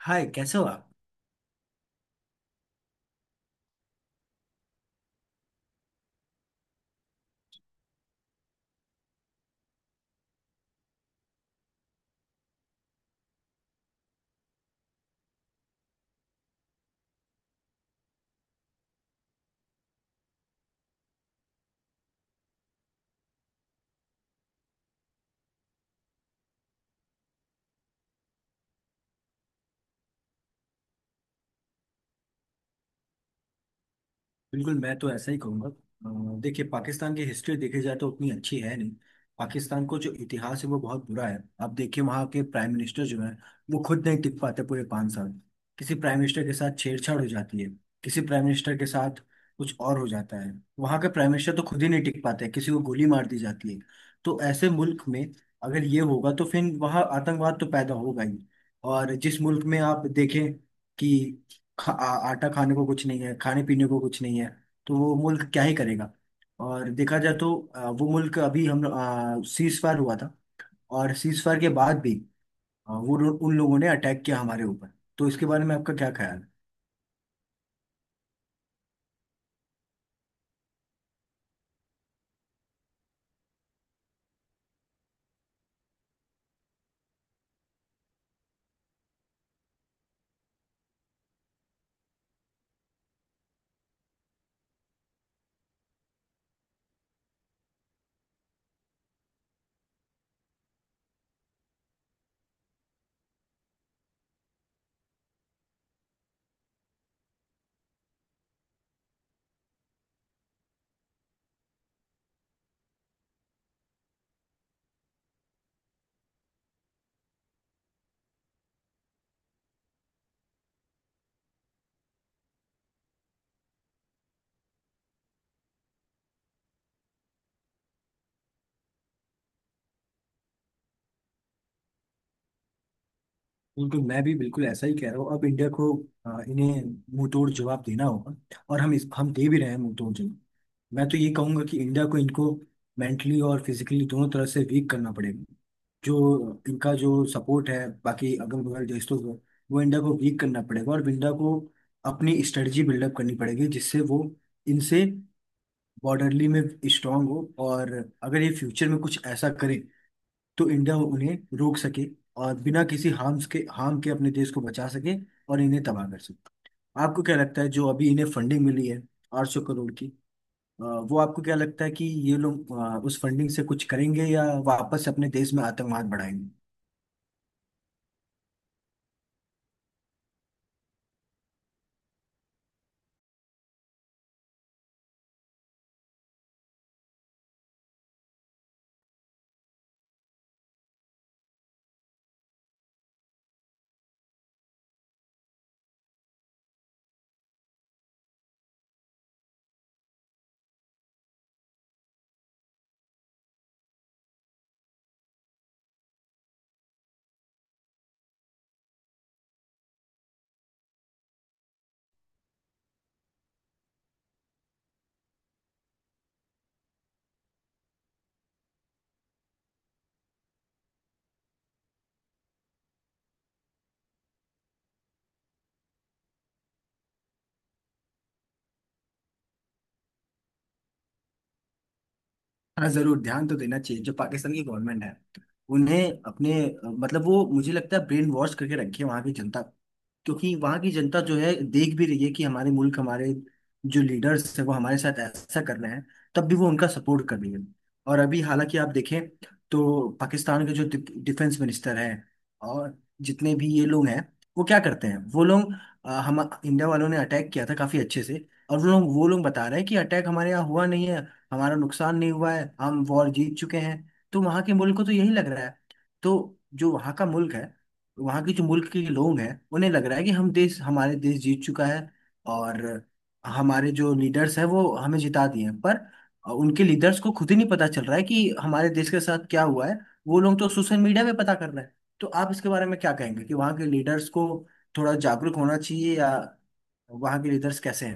हाय, कैसे हो आप। बिल्कुल, मैं तो ऐसा ही कहूँगा। देखिए, पाकिस्तान की हिस्ट्री देखी जाए तो उतनी अच्छी है नहीं। पाकिस्तान को जो इतिहास है वो बहुत बुरा है। आप देखिए वहाँ के प्राइम मिनिस्टर जो है वो खुद नहीं टिक पाते पूरे 5 साल। किसी प्राइम मिनिस्टर के साथ छेड़छाड़ हो जाती है, किसी प्राइम मिनिस्टर के साथ कुछ और हो जाता है। वहाँ के प्राइम मिनिस्टर तो खुद ही नहीं टिक पाते हैं, किसी को गोली मार दी जाती है। तो ऐसे मुल्क में अगर ये होगा तो फिर वहाँ आतंकवाद तो पैदा होगा ही। और जिस मुल्क में आप देखें कि आटा खाने को कुछ नहीं है, खाने पीने को कुछ नहीं है, तो वो मुल्क क्या ही करेगा। और देखा जाए तो वो मुल्क अभी, हम सीज फायर हुआ था, और सीज फायर के बाद भी उन लोगों ने अटैक किया हमारे ऊपर। तो इसके बारे में आपका क्या ख्याल है। बिल्कुल, मैं भी बिल्कुल ऐसा ही कह रहा हूँ। अब इंडिया को इन्हें मुंहतोड़ जवाब देना होगा, और हम दे भी रहे हैं मुंहतोड़ जवाब। मैं तो ये कहूंगा कि इंडिया को इनको मेंटली और फिजिकली दोनों तरह से वीक करना पड़ेगा। जो इनका जो सपोर्ट है बाकी अगल बगल देशों को, वो इंडिया को वीक करना पड़ेगा। और इंडिया को अपनी स्ट्रेटजी बिल्डअप करनी पड़ेगी, जिससे वो इनसे बॉर्डरली में स्ट्रांग हो, और अगर ये फ्यूचर में कुछ ऐसा करे तो इंडिया उन्हें रोक सके, और बिना किसी हार्म के अपने देश को बचा सके, और इन्हें तबाह कर सके। आपको क्या लगता है जो अभी इन्हें फंडिंग मिली है 800 करोड़ की, अ, वो आपको क्या लगता है कि ये लोग उस फंडिंग से कुछ करेंगे, या वापस अपने देश में आतंकवाद बढ़ाएंगे। हाँ, जरूर ध्यान तो देना चाहिए। जो पाकिस्तान की गवर्नमेंट है उन्हें अपने, मतलब वो मुझे लगता है ब्रेन वॉश करके रखी है वहाँ की जनता। क्योंकि वहां की जनता जो है देख भी रही है कि हमारे मुल्क, हमारे जो लीडर्स है वो हमारे साथ ऐसा कर रहे हैं, तब भी वो उनका सपोर्ट कर रही है। और अभी हालांकि आप देखें तो पाकिस्तान के जो डिफेंस मिनिस्टर हैं और जितने भी ये लोग हैं वो क्या करते हैं, वो लोग, हम इंडिया वालों ने अटैक किया था काफी अच्छे से, और वो लोग बता रहे हैं कि अटैक हमारे यहाँ हुआ नहीं है, हमारा नुकसान नहीं हुआ है, हम वॉर जीत चुके हैं। तो वहां के मुल्क को तो यही लग रहा है। तो जो वहां का मुल्क है, वहाँ के जो मुल्क के लोग हैं उन्हें लग रहा है कि हम देश हमारे देश जीत चुका है, और हमारे जो लीडर्स हैं वो हमें जिता दिए हैं। पर उनके लीडर्स को खुद ही नहीं पता चल रहा है कि हमारे देश के साथ क्या हुआ है, वो लोग तो सोशल मीडिया पे पता कर रहे हैं। तो आप इसके बारे में क्या कहेंगे कि वहाँ के लीडर्स को थोड़ा जागरूक होना चाहिए, या वहाँ के लीडर्स कैसे।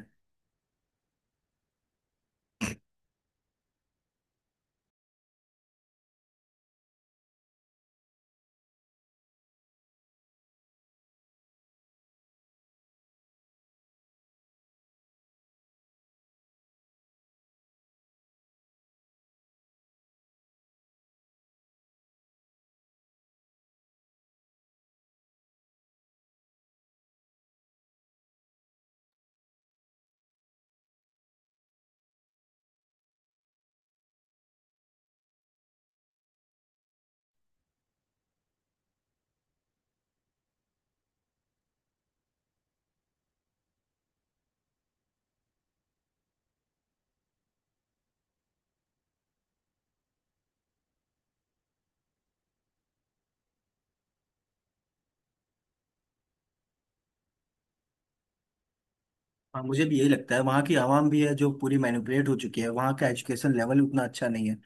हाँ, मुझे भी यही लगता है, वहाँ की आवाम भी है जो पूरी मैनिपुलेट हो चुकी है। वहाँ का एजुकेशन लेवल उतना अच्छा नहीं है,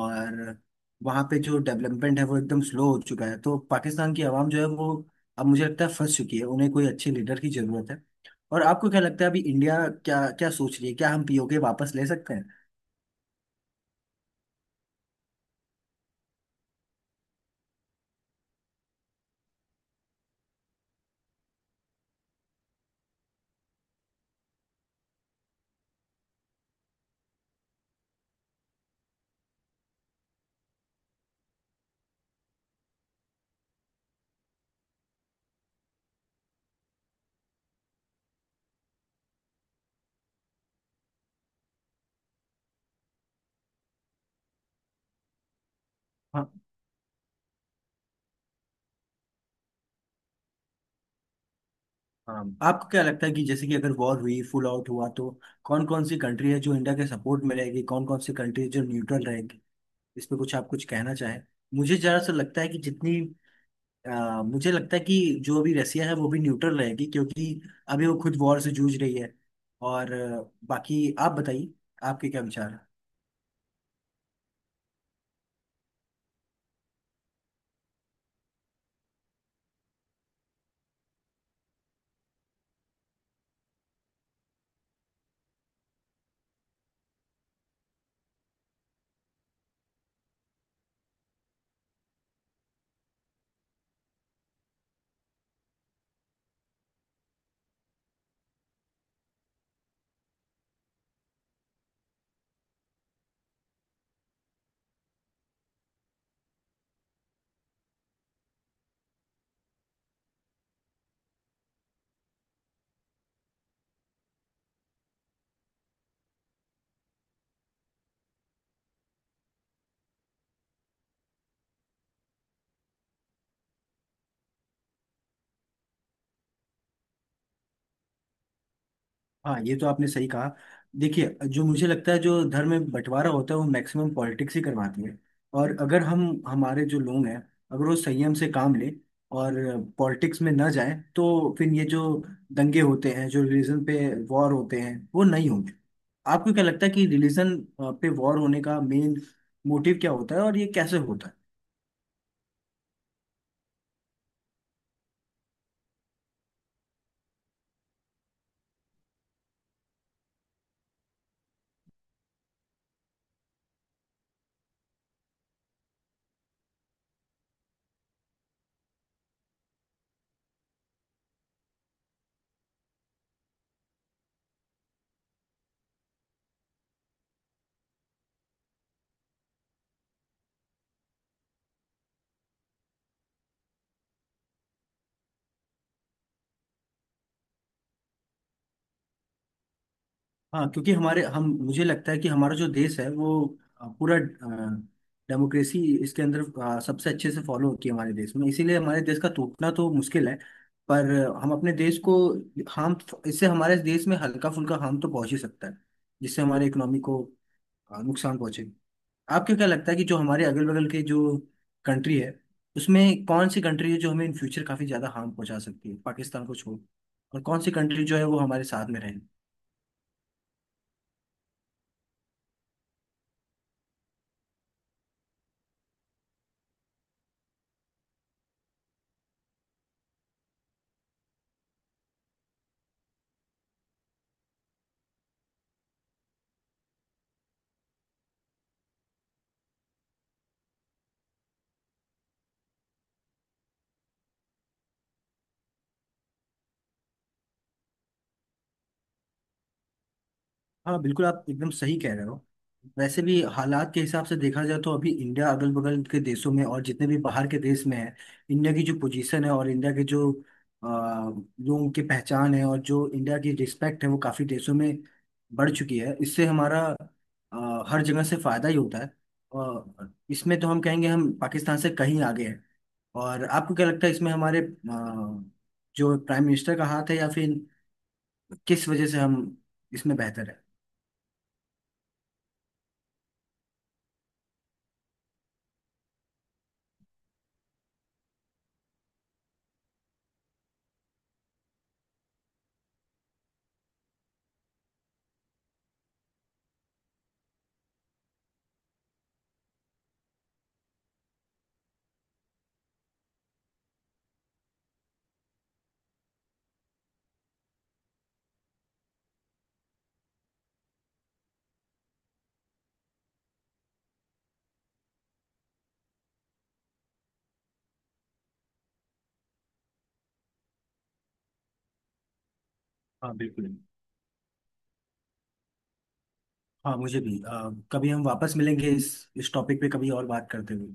और वहाँ पे जो डेवलपमेंट है वो एकदम स्लो हो चुका है। तो पाकिस्तान की आवाम जो है वो अब मुझे लगता है फंस चुकी है, उन्हें कोई अच्छे लीडर की जरूरत है। और आपको क्या लगता है अभी इंडिया क्या क्या सोच रही है, क्या हम पीओके वापस ले सकते हैं। हाँ। हाँ। आपको क्या लगता है कि जैसे कि अगर वॉर हुई, फुल आउट हुआ, तो कौन कौन सी कंट्री है जो इंडिया के सपोर्ट में रहेगी, कौन कौन सी कंट्री जो न्यूट्रल रहेगी। इस पे कुछ आप कुछ कहना चाहें। मुझे जरा सा लगता है कि जितनी, मुझे लगता है कि जो अभी रसिया है वो भी न्यूट्रल रहेगी, क्योंकि अभी वो खुद वॉर से जूझ रही है। और बाकी आप बताइए, आपके क्या विचार हैं। हाँ, ये तो आपने सही कहा। देखिए, जो मुझे लगता है, जो धर्म में बंटवारा होता है वो मैक्सिमम पॉलिटिक्स ही करवाती है। और अगर हम, हमारे जो लोग हैं, अगर वो संयम से काम लें और पॉलिटिक्स में ना जाए, तो फिर ये जो दंगे होते हैं, जो रिलीजन पे वॉर होते हैं, वो नहीं होंगे। आपको क्या लगता है कि रिलीजन पे वॉर होने का मेन मोटिव क्या होता है, और ये कैसे होता है। हाँ, क्योंकि हमारे हम मुझे लगता है कि हमारा जो देश है वो, पूरा डेमोक्रेसी इसके अंदर सबसे अच्छे से फॉलो होती है हमारे देश में, इसीलिए हमारे देश का टूटना तो मुश्किल है। पर हम अपने देश को हार्म, इससे हमारे देश में हल्का फुल्का हार्म तो पहुंच ही सकता है, जिससे हमारे इकोनॉमी को नुकसान पहुंचे। आपको क्या लगता है कि जो हमारे अगल बगल के जो कंट्री है, उसमें कौन सी कंट्री है जो हमें इन फ्यूचर काफी ज्यादा हार्म पहुंचा सकती है, पाकिस्तान को छोड़, और कौन सी कंट्री जो है वो हमारे साथ में रहे। हाँ बिल्कुल, आप एकदम सही कह रहे हो। वैसे भी हालात के हिसाब से देखा जाए तो अभी इंडिया, अगल बगल के देशों में और जितने भी बाहर के देश में है, इंडिया की जो पोजीशन है, और इंडिया के जो लोगों की पहचान है, और जो इंडिया की रिस्पेक्ट है वो काफ़ी देशों में बढ़ चुकी है। इससे हमारा हर जगह से फायदा ही होता है। और इसमें तो हम कहेंगे हम पाकिस्तान से कहीं आगे हैं। और आपको क्या लगता है इसमें हमारे जो प्राइम मिनिस्टर का हाथ है, या फिर किस वजह से हम इसमें बेहतर है। हाँ बिल्कुल। हाँ, मुझे भी, कभी हम वापस मिलेंगे इस टॉपिक पे कभी और बात करते हुए।